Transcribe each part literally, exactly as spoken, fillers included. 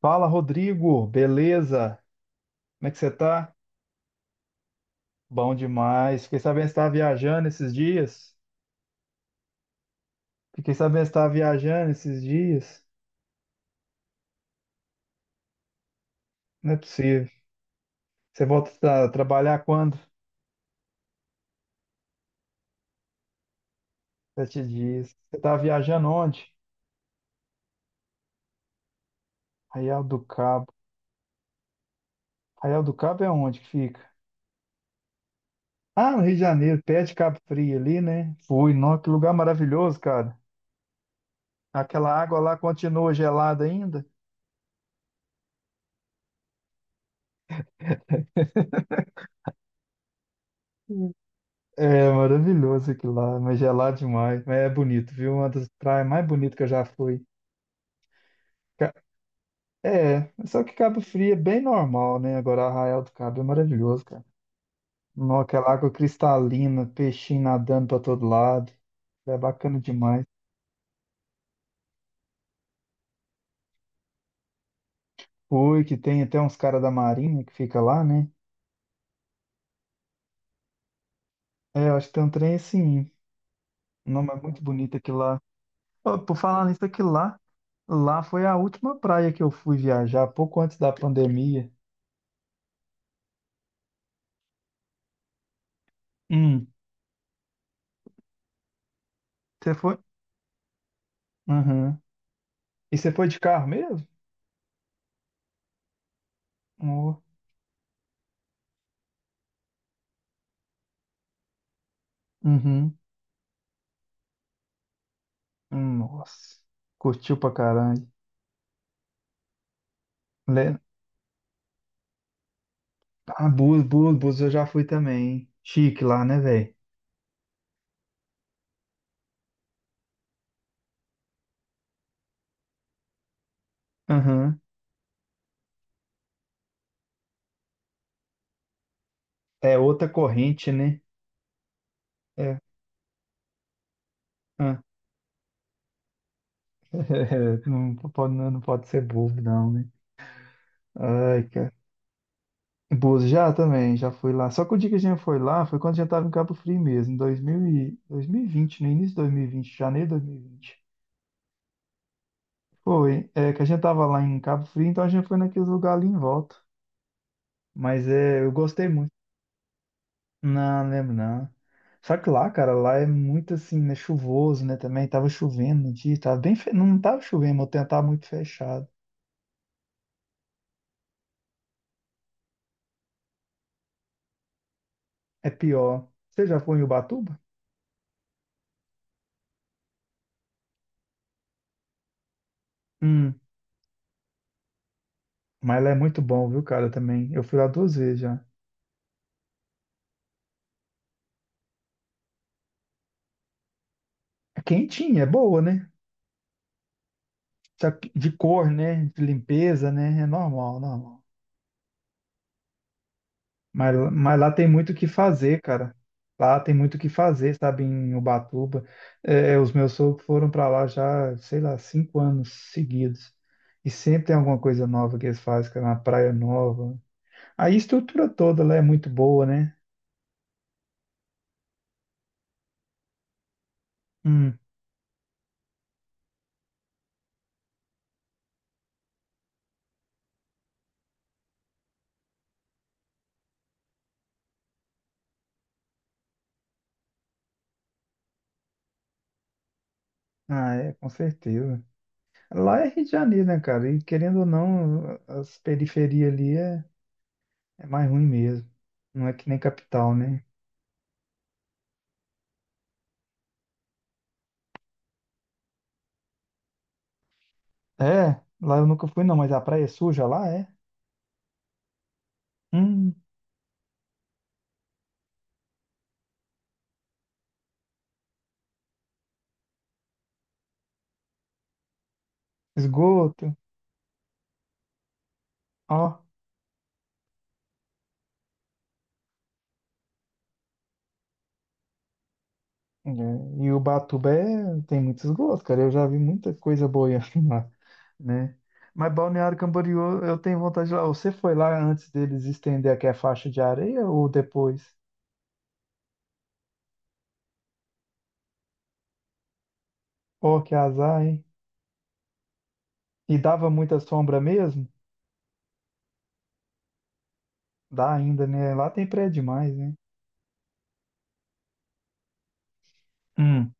Fala, Rodrigo, beleza? Como é que você tá? Bom demais. Fiquei sabendo que você estava viajando esses dias. Fiquei sabendo que você estava viajando esses dias. Não é possível. Você volta a trabalhar quando? Sete dias. Você estava viajando onde? Arraial do Cabo. Arraial do Cabo é onde que fica? Ah, no Rio de Janeiro, pé de Cabo Frio ali, né? Fui, nossa, que lugar maravilhoso, cara. Aquela água lá continua gelada ainda? É maravilhoso aquilo lá, mas gelado demais. Mas é bonito, viu? Uma das praias mais bonitas que eu já fui. Ca- É, só que Cabo Frio é bem normal, né? Agora Arraial do Cabo é maravilhoso, cara. Não, aquela água cristalina, peixinho nadando pra todo lado. É bacana demais. Fui, que tem até uns caras da Marinha que fica lá, né? É, eu acho que tem um trem assim. Não, mas é muito bonito aquilo lá. Ó, por falar nisso, aquilo lá, lá foi a última praia que eu fui viajar, pouco antes da pandemia. Hum. Você foi? Uhum. E você foi de carro mesmo? Nó. Uhum. Nossa. Curtiu pra caralho. Le... Ah, Búzios, Búzios, Búzios eu já fui também, hein? Chique lá, né, velho? Aham. É outra corrente, né? É. Ah. Não pode, não pode ser bobo, não, né? Ai, cara. Búzios já também, já fui lá. Só que o dia que a gente foi lá foi quando a gente tava em Cabo Frio mesmo, em dois mil e... dois mil e vinte, no início de dois mil e vinte, janeiro de dois mil e vinte. Foi, é que a gente tava lá em Cabo Frio, então a gente foi naqueles lugares ali em volta. Mas é, eu gostei muito. Não, não lembro não. Só que lá, cara, lá é muito assim, né? Chuvoso, né? Também tava chovendo no dia, tava bem. fe- Não tava chovendo, mas o tempo tava muito fechado. É pior. Você já foi em Ubatuba? Hum, mas lá é muito bom, viu, cara, também. Eu fui lá duas vezes já. É quentinha, é boa, né? Só que de cor, né? De limpeza, né? É normal, normal. Mas, mas lá tem muito o que fazer, cara. Lá tem muito o que fazer, sabe, em Ubatuba. É, é, os meus sogros foram para lá já, sei lá, cinco anos seguidos. E sempre tem alguma coisa nova que eles fazem, cara, uma praia nova. A estrutura toda lá é muito boa, né? Hum. Ah, é, com certeza. Lá é Rio de Janeiro, né, cara? E querendo ou não, as periferias ali é, é mais ruim mesmo. Não é que nem capital, né? É, lá eu nunca fui, não, mas a praia é suja lá, é? Hum, esgoto. Ó, é, e o Batuba é- tem muitos gostos, cara. Eu já vi muita coisa boiando lá, né? Mas Balneário Camboriú, eu tenho vontade de ir lá. Você foi lá antes deles estender aqui a faixa de areia ou depois? Ó, que azar, hein? E dava muita sombra mesmo? Dá ainda, né? Lá tem prédio demais, né? Hum,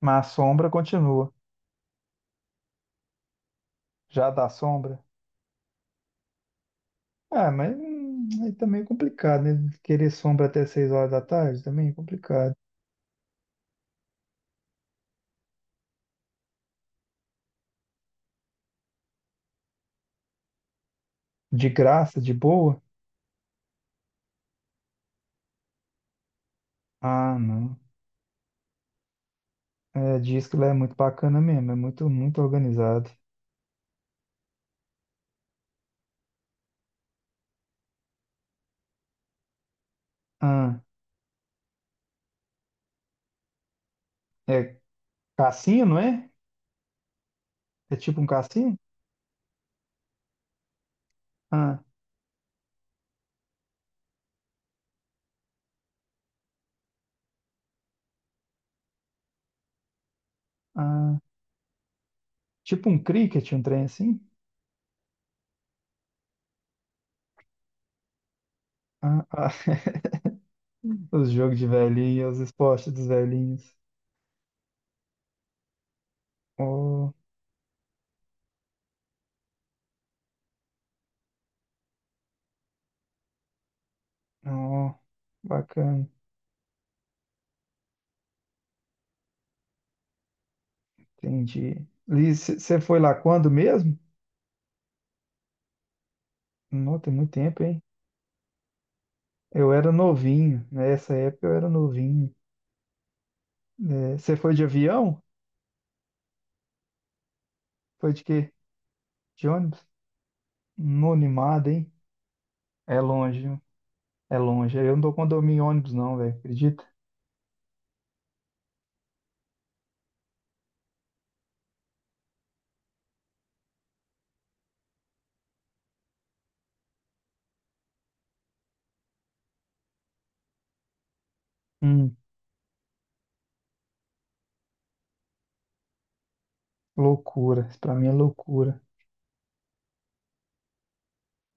mas a sombra continua. Já dá sombra? Ah, mas hum, aí também é complicado, né? Querer sombra até seis horas da tarde também é complicado. De graça, de boa? Ah, não. É, diz que lá é muito bacana mesmo, é muito, muito organizado. Ah, é cassino, não é? É tipo um cassino? Ah, ah, tipo um cricket, um trem assim? Ah, ah, os jogos de velhinho, os esportes dos velhinhos. Oh, oh, bacana, entendi. Liz, você foi lá quando mesmo? Não, tem muito tempo, hein? Eu era novinho, nessa época eu era novinho. Você foi de avião? Foi de quê? De ônibus? Não, animado, hein? É longe, é longe. Eu não dou condomínio em ônibus, não, velho. Acredita? Hum, loucura. Isso pra mim é loucura.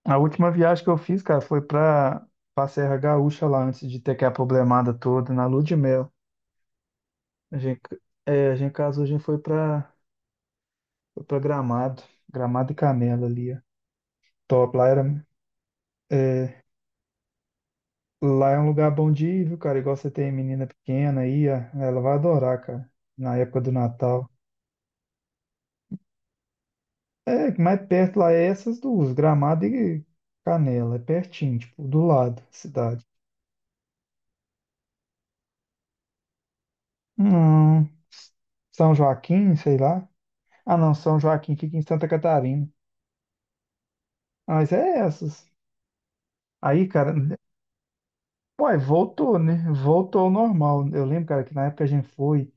A última viagem que eu fiz, cara, foi pra, pra, Serra Gaúcha lá, antes de ter aquela problemada toda, na lua de mel. A gente, é, a gente casou, a gente foi pra, foi pra Gramado. Gramado e Canela ali, ó. Top. Lá era, é, lá é um lugar bom de ir, viu, cara? Igual você tem menina pequena aí, ó, ela vai adorar, cara. Na época do Natal. É, que mais perto lá é essas duas, Gramado e Canela, é pertinho, tipo, do lado da cidade. Não, São Joaquim, sei lá. Ah, não, São Joaquim fica em Santa Catarina. Ah, mas é essas. Aí, cara, pô, aí voltou, né? Voltou ao normal. Eu lembro, cara, que na época a gente foi,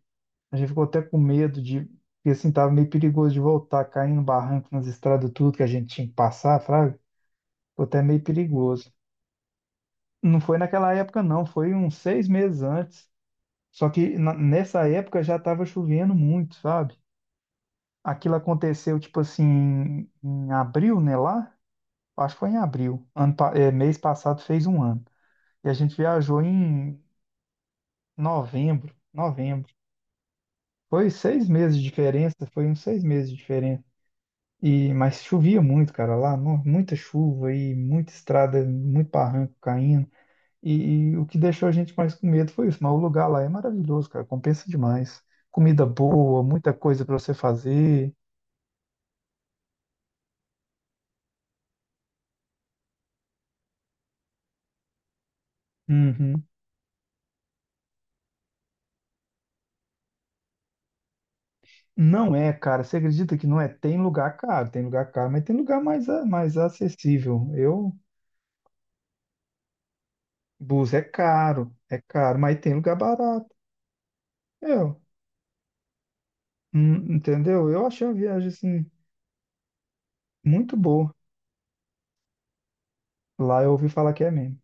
a gente ficou até com medo de, porque assim, tava meio perigoso de voltar, caindo no barranco nas estradas, tudo que a gente tinha que passar, fraga. Ficou até meio perigoso. Não foi naquela época, não, foi uns seis meses antes. Só que na- nessa época já estava chovendo muito, sabe? Aquilo aconteceu, tipo assim, em em abril, né? Lá, acho que foi em abril. Ano, pa- é, mês passado fez um ano. E a gente viajou em novembro, novembro. Foi seis meses de diferença, foi uns seis meses de diferença. E, mas chovia muito, cara, lá, no- muita chuva e muita estrada, muito barranco caindo. E, e o que deixou a gente mais com medo foi isso. Mas o lugar lá é maravilhoso, cara. Compensa demais. Comida boa, muita coisa para você fazer. Uhum. Não é, cara. Você acredita que não é? Tem lugar caro, tem lugar caro, mas tem lugar mais, a- mais acessível. Eu, bus é caro, é caro, mas tem lugar barato. Eu, hum, Entendeu? Eu achei a viagem assim muito boa. Lá eu ouvi falar que é mesmo.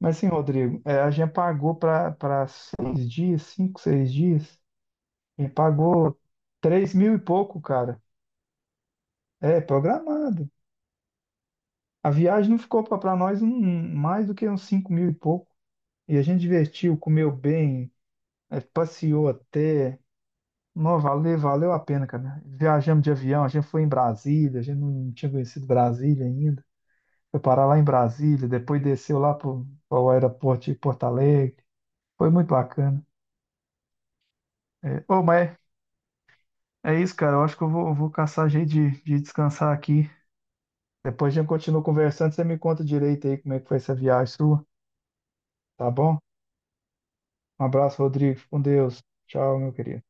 Mas sim, Rodrigo, é, a gente pagou para para seis dias, cinco, seis dias. Me pagou três mil e pouco, cara. É, programado. A viagem não ficou para nós um- um, mais do que uns cinco mil e pouco. E a gente divertiu, comeu bem, é, passeou até. Não, valeu, valeu a pena, cara. Viajamos de avião, a gente foi em Brasília, a gente não tinha conhecido Brasília ainda. Foi parar lá em Brasília, depois desceu lá para o aeroporto de Porto Alegre. Foi muito bacana. É, ô, mas é isso, cara. Eu acho que eu vou, eu vou caçar jeito de, de descansar aqui. Depois a gente continua conversando, você me conta direito aí como é que foi essa viagem sua, tá bom? Um abraço, Rodrigo. Fica com Deus. Tchau, meu querido.